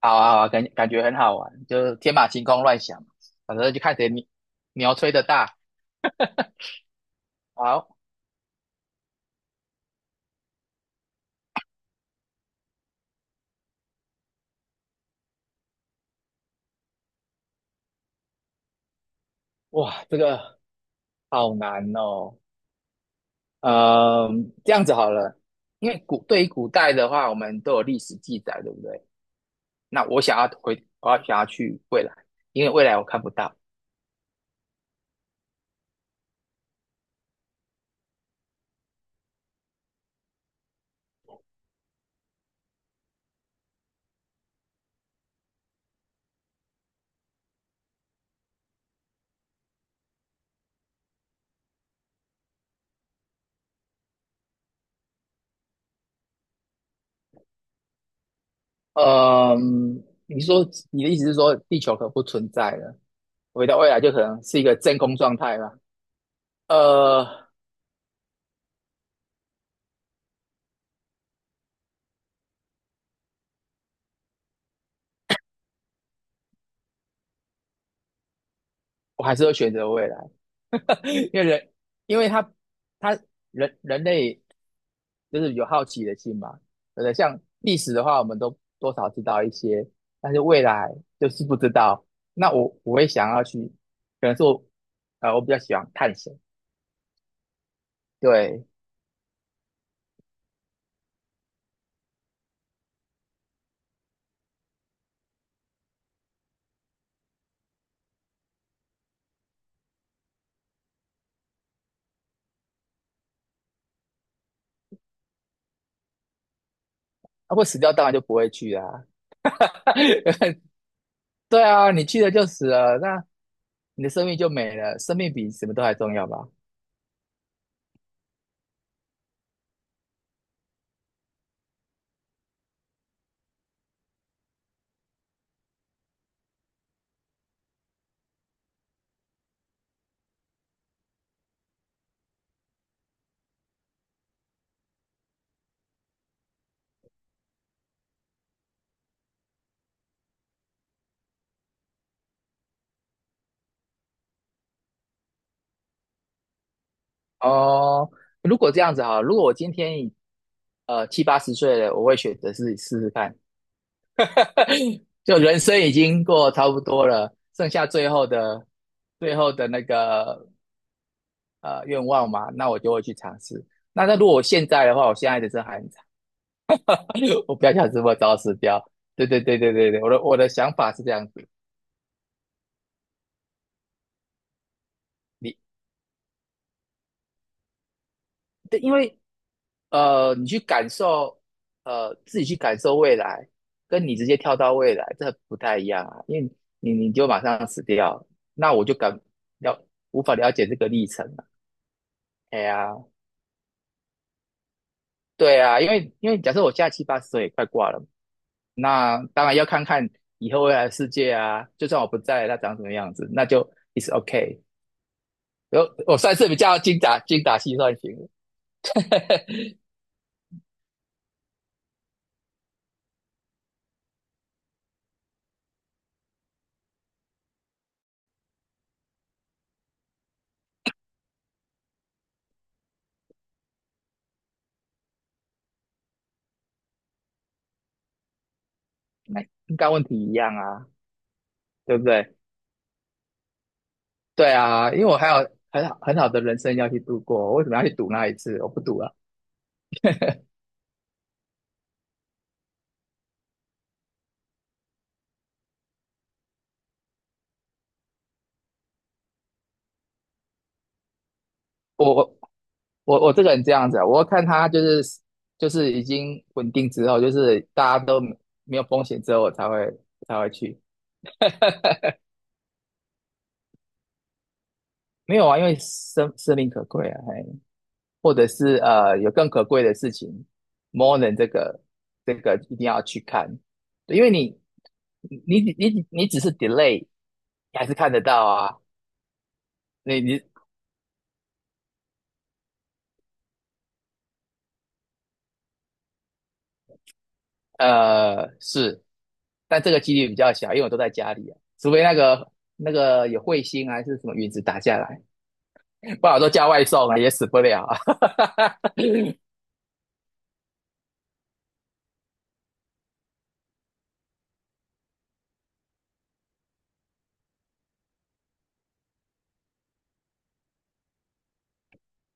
好啊，好啊，感觉很好玩，就是天马行空乱想，反正就看谁牛牛吹的大。好，哇，这个好难哦。嗯，这样子好了，因为对于古代的话，我们都有历史记载，对不对？那我想要回，我想要去未来，因为未来我看不到。嗯，你说你的意思是说地球可不存在了，回到未来就可能是一个真空状态了。呃，我还是会选择未来，因为人，因为他人类就是有好奇的心嘛，对不对？像历史的话，我们都多少知道一些，但是未来就是不知道。那我会想要去，可能是我我比较喜欢探险，对。啊，会死掉当然就不会去啦、啊。 对啊，你去了就死了，那你的生命就没了，生命比什么都还重要吧？哦，如果这样子哈，如果我今天七八十岁了，我会选择是试试看。就人生已经过差不多了，剩下最后的那个愿望嘛，那我就会去尝试。那如果我现在的话，我现在的真还很惨，我不要想这么早死掉。对对对对对对，我的想法是这样子，你对，因为你去感受自己去感受未来，跟你直接跳到未来这不太一样啊，因为你就马上死掉，那我就了无法了解这个历程了。哎呀，对啊，因为假设我现在七八十岁也快挂了，那当然要看看以后未来的世界啊。就算我不在了，它长什么样子，那就 is t o k a。 我算是比较精打细算型的，那应该问题一样啊，对不对？对啊，因为我还有很好的人生要去度过，我为什么要去赌那一次？我不赌了，我我我这个人这样子啊，我看他就是已经稳定之后，就是大家都没有风险之后，我才会才会去。没有啊，因为生命可贵啊，嘿，或者是有更可贵的事情，more than 这个一定要去看，对因为你只是 delay,你还是看得到啊，你你是，但这个几率比较小，因为我都在家里啊，除非那个有彗星啊，还是什么陨石打下来，不好我都叫外送啊，也死不了啊。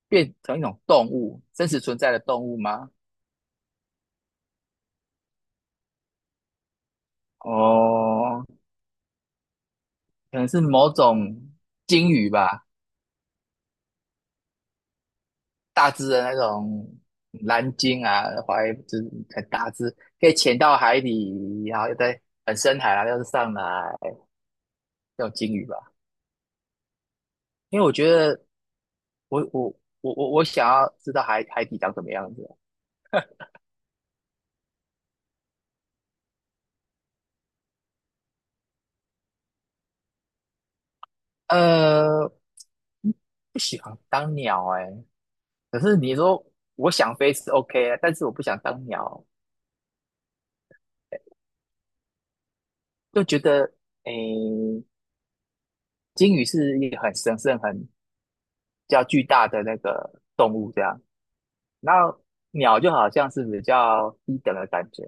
变成一种动物，真实存在的动物吗？哦，可能是某种鲸鱼吧，大只的那种蓝鲸啊，怀就是很大只，可以潜到海底，然后又在很深海啊，又是上来那种鲸鱼吧。因为我觉得我我我我想要知道海底长什么样子啊。不喜欢当鸟哎、可是你说我想飞是 OK 啊，但是我不想当鸟，就觉得诶，鲸鱼是一个很神圣、很比较巨大的那个动物，这样。那鸟就好像是比较低等的感觉，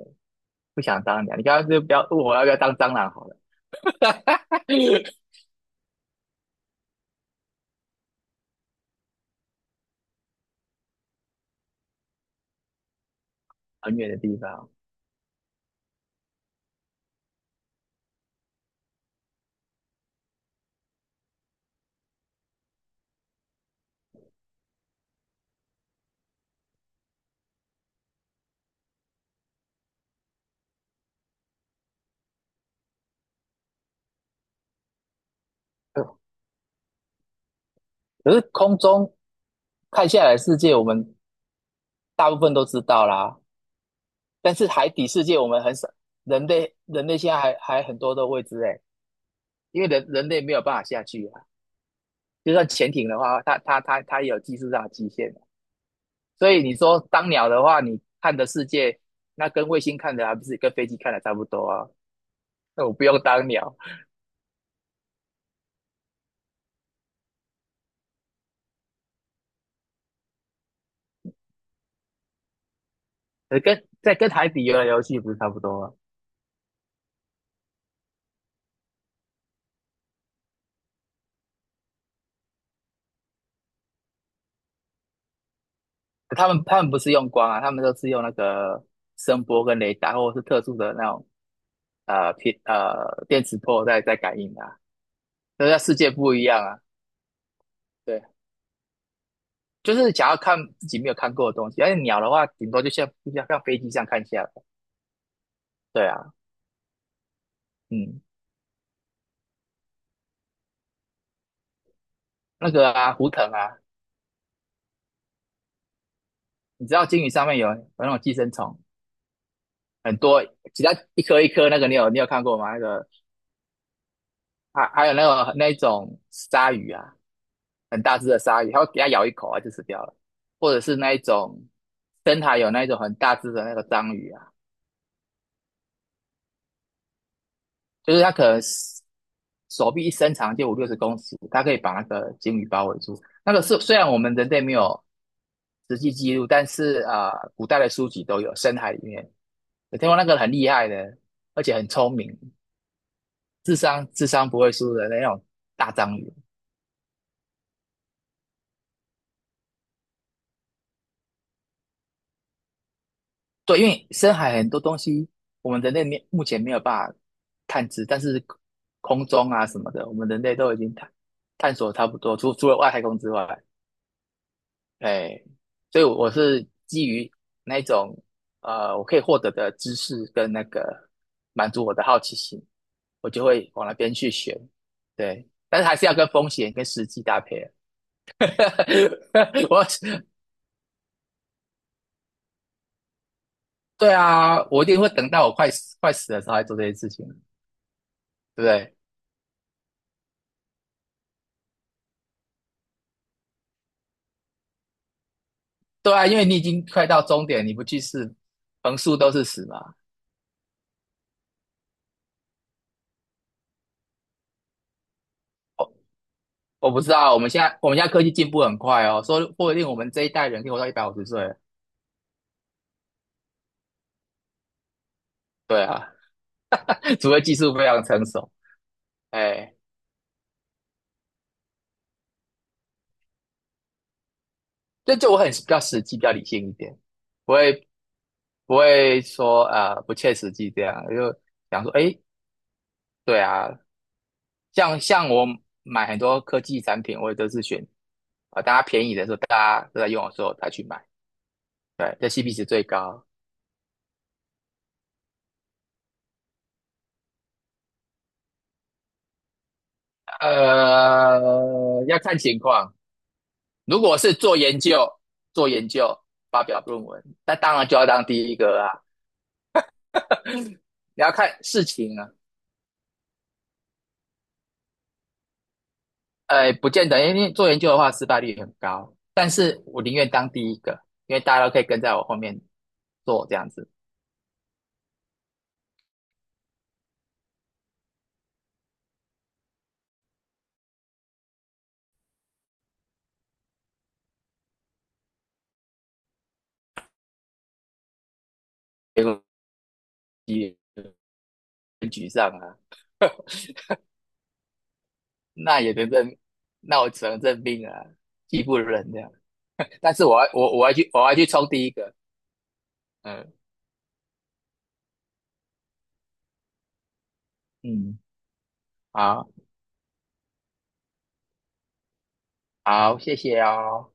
不想当鸟。你刚刚就不要问我要不要当蟑螂好了。很远的地方。呃可是空中看下来的世界，我们大部分都知道啦。但是海底世界，我们很少。人类现在还很多的未知哎，因为人类没有办法下去啊。就算潜艇的话，它也有技术上的极限啊。所以你说当鸟的话，你看的世界，那跟卫星看的还不是跟飞机看的差不多啊？那我不用当鸟。呃，跟在跟海底游的游戏不是差不多吗？他们不是用光啊，他们都是用那个声波跟雷达，或者是特殊的那种电磁波在在感应的啊。那在世界不一样啊，对，就是想要看自己没有看过的东西。而且鸟的话，顶多像飞机上看下来，对啊。嗯，那个啊，胡腾啊，你知道鲸鱼上面有那种寄生虫，很多，其他一颗一颗那个你有看过吗？那个还有那个那种鲨鱼啊。很大只的鲨鱼，它会给它咬一口啊就死掉了，或者是那一种深海有那一种很大只的那个章鱼啊，就是它可能手臂一伸长就5、60公尺，它可以把那个鲸鱼包围住。那个是虽然我们人类没有实际记录，但是啊、呃古代的书籍都有深海里面有听过那个很厉害的，而且很聪明，智商不会输的那种大章鱼。对，因为深海很多东西，我们人类没目前没有办法探知，但是空中啊什么的，我们人类都已经探索差不多，除了外太空之外，哎，所以我是基于那一种我可以获得的知识跟那个满足我的好奇心，我就会往那边去选，对，但是还是要跟风险跟时机搭配啊。我对啊，我一定会等到我快死的时候来做这些事情，对不对？对啊，因为你已经快到终点，你不去试，横竖都是死嘛。我不知道，我们现在科技进步很快哦，说不定我们这一代人可以活到150岁了。对啊。除非技术非常成熟。哎，这就我很比较实际，比较理性一点，不会不会说呃不切实际这样，就想说哎，对啊，像我买很多科技产品，我也都是选啊、呃大家便宜的时候，大家都在用的时候才去买，对，这 CP 值最高。呃，要看情况。如果是做研究，做研究发表论文，那当然就要当第一个啊。你要看事情啊，呃，不见得，因为做研究的话失败率很高。但是我宁愿当第一个，因为大家都可以跟在我后面做这样子，结果也很沮丧啊。那也能认，那我只能认命啊，技不如人这样。但是我我要去冲第一个，嗯嗯，好好，谢谢哦。